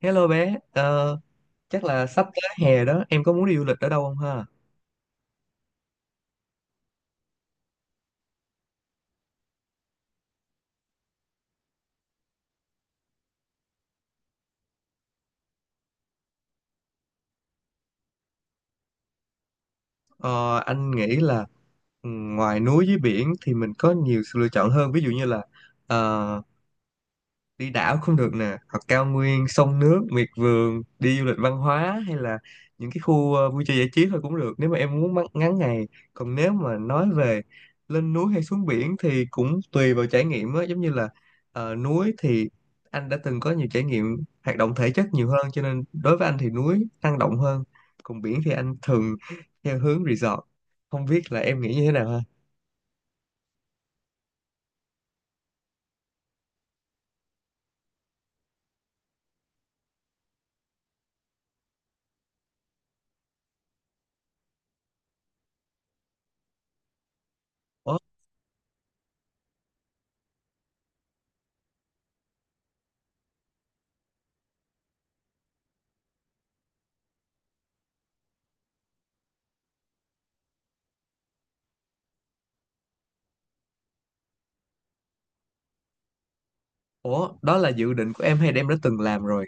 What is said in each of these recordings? Hello bé, chắc là sắp tới hè đó, em có muốn đi du lịch ở đâu không ha? Ờ, anh nghĩ là ngoài núi với biển thì mình có nhiều sự lựa chọn hơn, ví dụ như là ờ, đi đảo cũng được nè, hoặc cao nguyên sông nước miệt vườn, đi du lịch văn hóa, hay là những cái khu vui chơi giải trí thôi cũng được nếu mà em muốn ngắn ngày. Còn nếu mà nói về lên núi hay xuống biển thì cũng tùy vào trải nghiệm á, giống như là núi thì anh đã từng có nhiều trải nghiệm hoạt động thể chất nhiều hơn, cho nên đối với anh thì núi năng động hơn, còn biển thì anh thường theo hướng resort. Không biết là em nghĩ như thế nào ha. Ủa ủa đó là dự định của em hay là em đã từng làm rồi?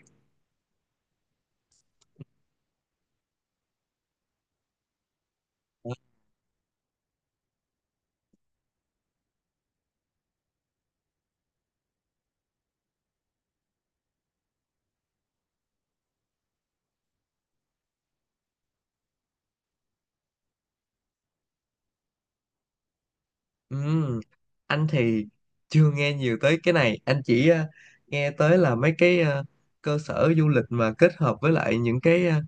Ừm, anh thì chưa nghe nhiều tới cái này, anh chỉ nghe tới là mấy cái cơ sở du lịch mà kết hợp với lại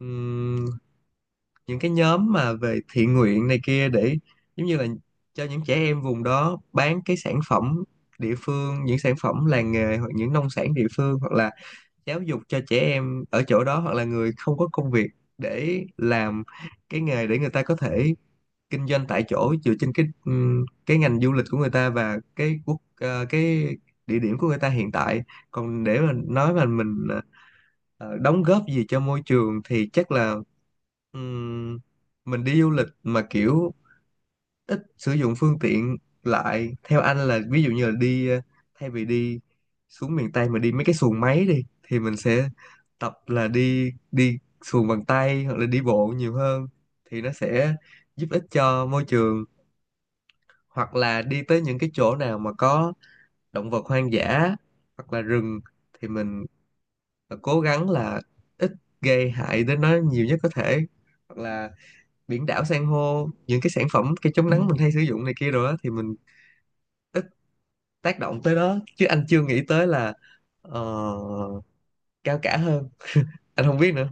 ừm, những cái nhóm mà về thiện nguyện này kia, để giống như là cho những trẻ em vùng đó bán cái sản phẩm địa phương, những sản phẩm làng nghề, hoặc những nông sản địa phương, hoặc là giáo dục cho trẻ em ở chỗ đó, hoặc là người không có công việc, để làm cái nghề để người ta có thể kinh doanh tại chỗ dựa trên cái ngành du lịch của người ta, và cái địa điểm của người ta hiện tại. Còn để mà nói mà mình đóng góp gì cho môi trường thì chắc là ừm, mình đi du lịch mà kiểu ít sử dụng phương tiện lại, theo anh là ví dụ như là thay vì đi xuống miền Tây mà đi mấy cái xuồng máy đi, thì mình sẽ tập là đi đi xuồng bằng tay hoặc là đi bộ nhiều hơn, thì nó sẽ giúp ích cho môi trường. Hoặc là đi tới những cái chỗ nào mà có động vật hoang dã hoặc là rừng thì mình cố gắng là ít gây hại đến nó nhiều nhất có thể, hoặc là biển đảo san hô, những cái sản phẩm cái chống nắng mình hay sử dụng này kia rồi á, thì mình ít tác động tới đó. Chứ anh chưa nghĩ tới là ờ, cao cả hơn, anh không biết nữa.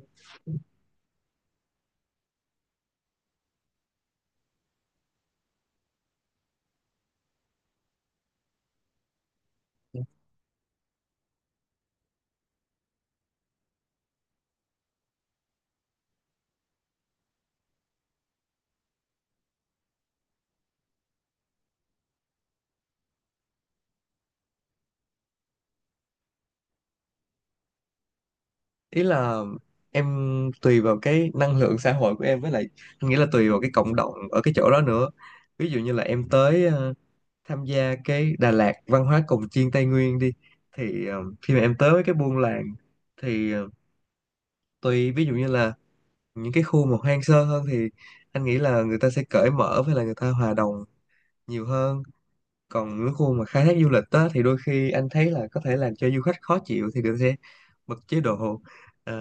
Ý là em tùy vào cái năng lượng xã hội của em, với lại anh nghĩ là tùy vào cái cộng đồng ở cái chỗ đó nữa. Ví dụ như là em tới tham gia cái Đà Lạt văn hóa cồng chiêng Tây Nguyên đi, thì khi mà em tới với cái buôn làng thì tùy, ví dụ như là những cái khu mà hoang sơ hơn thì anh nghĩ là người ta sẽ cởi mở, với là người ta hòa đồng nhiều hơn. Còn những khu mà khai thác du lịch đó thì đôi khi anh thấy là có thể làm cho du khách khó chịu, thì người ta sẽ bật chế độ ờ,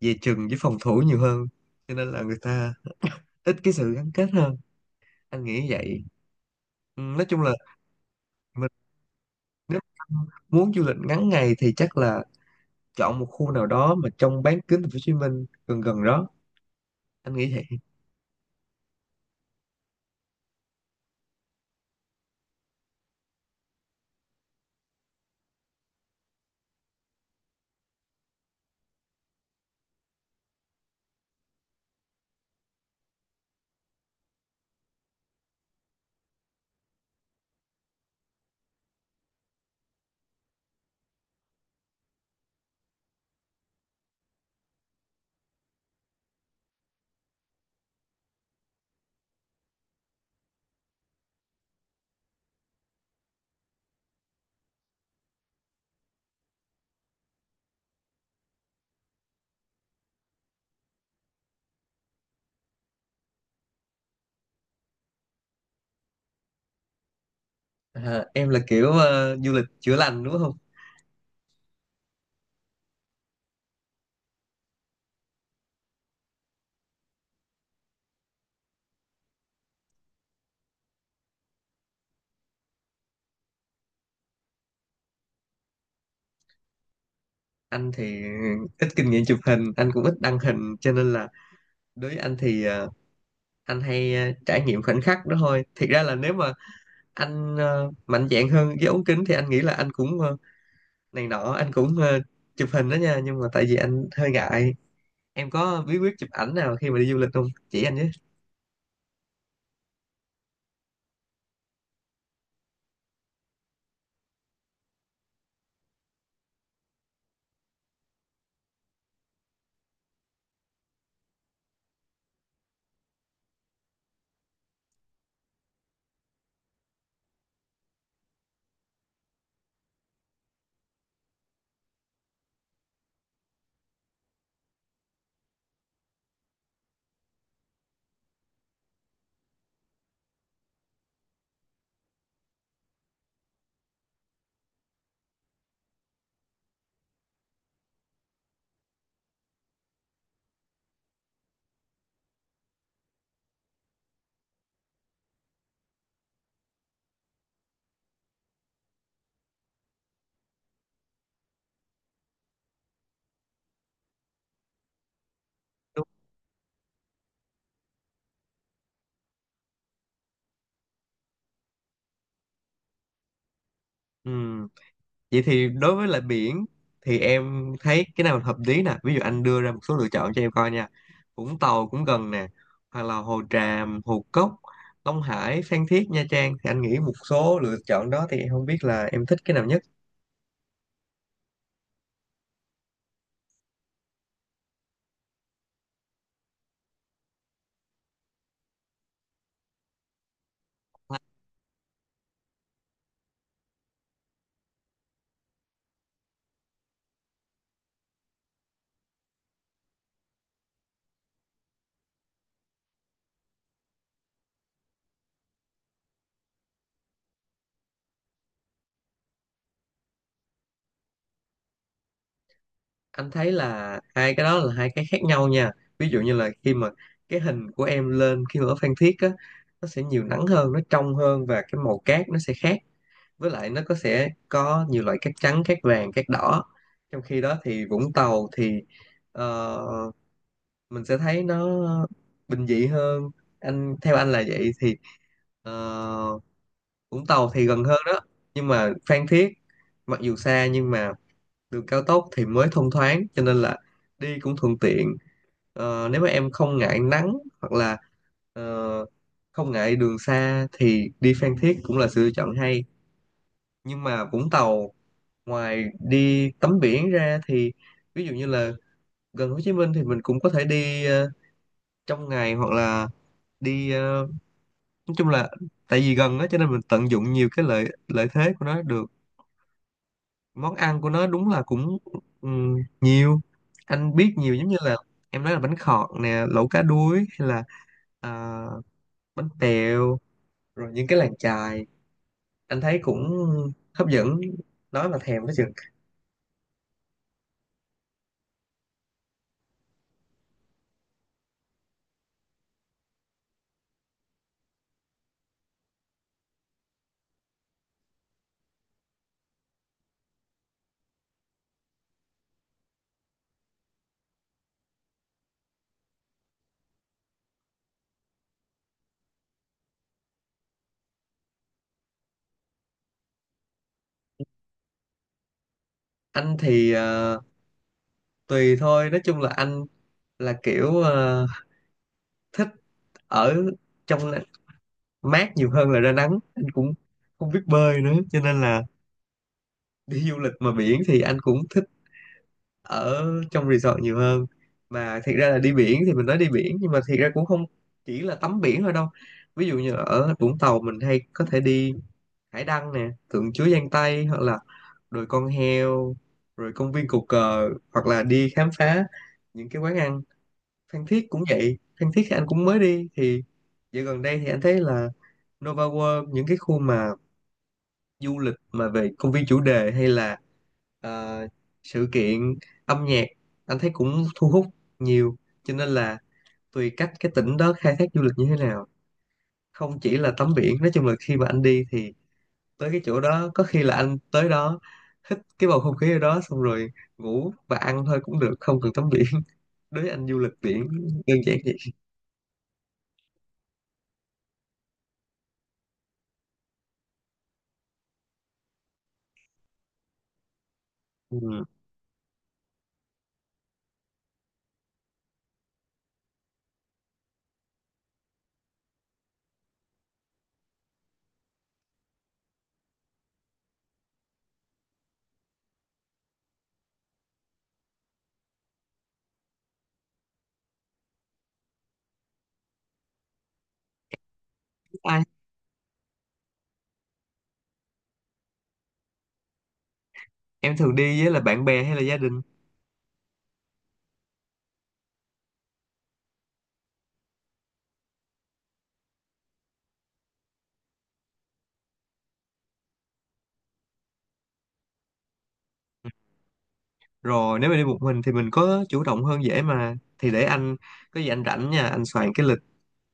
về chừng với phòng thủ nhiều hơn, cho nên là người ta ít cái sự gắn kết hơn, anh nghĩ vậy. Ừ, nói chung là mình nếu muốn du lịch ngắn ngày thì chắc là chọn một khu nào đó mà trong bán kính thành phố Hồ Chí Minh gần gần đó, anh nghĩ vậy. À, em là kiểu du lịch chữa lành đúng không? Anh thì ít kinh nghiệm chụp hình, anh cũng ít đăng hình, cho nên là đối với anh thì anh hay trải nghiệm khoảnh khắc đó thôi. Thiệt ra là nếu mà anh mạnh dạn hơn với ống kính thì anh nghĩ là anh cũng này nọ, anh cũng chụp hình đó nha, nhưng mà tại vì anh hơi ngại. Em có bí quyết chụp ảnh nào khi mà đi du lịch không, chỉ anh với. Đúng. Ừ. Vậy thì đối với lại biển thì em thấy cái nào hợp lý nè. Ví dụ anh đưa ra một số lựa chọn cho em coi nha. Vũng Tàu cũng gần nè, hoặc là Hồ Tràm, Hồ Cốc, Long Hải, Phan Thiết, Nha Trang, thì anh nghĩ một số lựa chọn đó thì em không biết là em thích cái nào nhất. Anh thấy là hai cái đó là hai cái khác nhau nha. Ví dụ như là khi mà cái hình của em lên khi mà ở Phan Thiết á, nó sẽ nhiều nắng hơn, nó trong hơn, và cái màu cát nó sẽ khác, với lại nó có sẽ có nhiều loại cát trắng, cát vàng, cát đỏ. Trong khi đó thì Vũng Tàu thì ờ, mình sẽ thấy nó bình dị hơn, theo anh là vậy. Thì ờ, Vũng Tàu thì gần hơn đó, nhưng mà Phan Thiết mặc dù xa nhưng mà đường cao tốc thì mới thông thoáng, cho nên là đi cũng thuận tiện. Nếu mà em không ngại nắng, hoặc là ờ, không ngại đường xa thì đi Phan Thiết cũng là sự lựa chọn hay. Nhưng mà Vũng Tàu, ngoài đi tắm biển ra thì ví dụ như là gần Hồ Chí Minh thì mình cũng có thể đi trong ngày, hoặc là đi ờ, nói chung là tại vì gần á cho nên mình tận dụng nhiều cái lợi lợi thế của nó được. Món ăn của nó đúng là cũng nhiều, anh biết nhiều, giống như là em nói, là bánh khọt nè, lẩu cá đuối, hay là à, bánh tèo, rồi những cái làng chài, anh thấy cũng hấp dẫn, nói mà thèm đó chừng. Anh thì tùy thôi, nói chung là anh là kiểu thích ở trong mát nhiều hơn là ra nắng, anh cũng không biết bơi nữa, cho nên là đi du lịch mà biển thì anh cũng thích ở trong resort nhiều hơn. Mà thiệt ra là đi biển thì mình nói đi biển nhưng mà thiệt ra cũng không chỉ là tắm biển thôi đâu, ví dụ như ở Vũng Tàu mình hay có thể đi Hải Đăng nè, Tượng Chúa Giang tây, hoặc là đồi con heo, rồi công viên Cột Cờ, hoặc là đi khám phá những cái quán ăn. Phan Thiết cũng vậy, Phan Thiết thì anh cũng mới đi, thì dạo gần đây thì anh thấy là Nova World, những cái khu mà du lịch mà về công viên chủ đề, hay là ờ, sự kiện âm nhạc, anh thấy cũng thu hút nhiều, cho nên là tùy cách cái tỉnh đó khai thác du lịch như thế nào, không chỉ là tắm biển. Nói chung là khi mà anh đi thì tới cái chỗ đó, có khi là anh tới đó hít cái bầu không khí ở đó xong rồi ngủ và ăn thôi cũng được, không cần tắm biển đối với anh du lịch biển đơn giản vậy. Ừ. Ai, em thường đi với là bạn bè hay là gia đình? Rồi, nếu mà đi một mình thì mình có chủ động hơn dễ mà, thì để anh, có gì anh rảnh nha, anh soạn cái lịch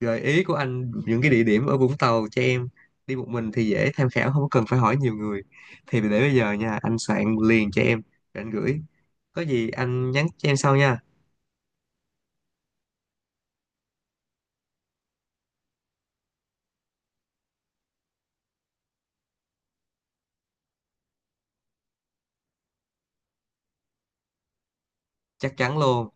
gợi ý của anh, những cái địa điểm ở Vũng Tàu cho em, đi một mình thì dễ tham khảo, không có cần phải hỏi nhiều người. Thì để bây giờ nha, anh soạn liền cho em rồi anh gửi, có gì anh nhắn cho em sau nha. Chắc chắn luôn.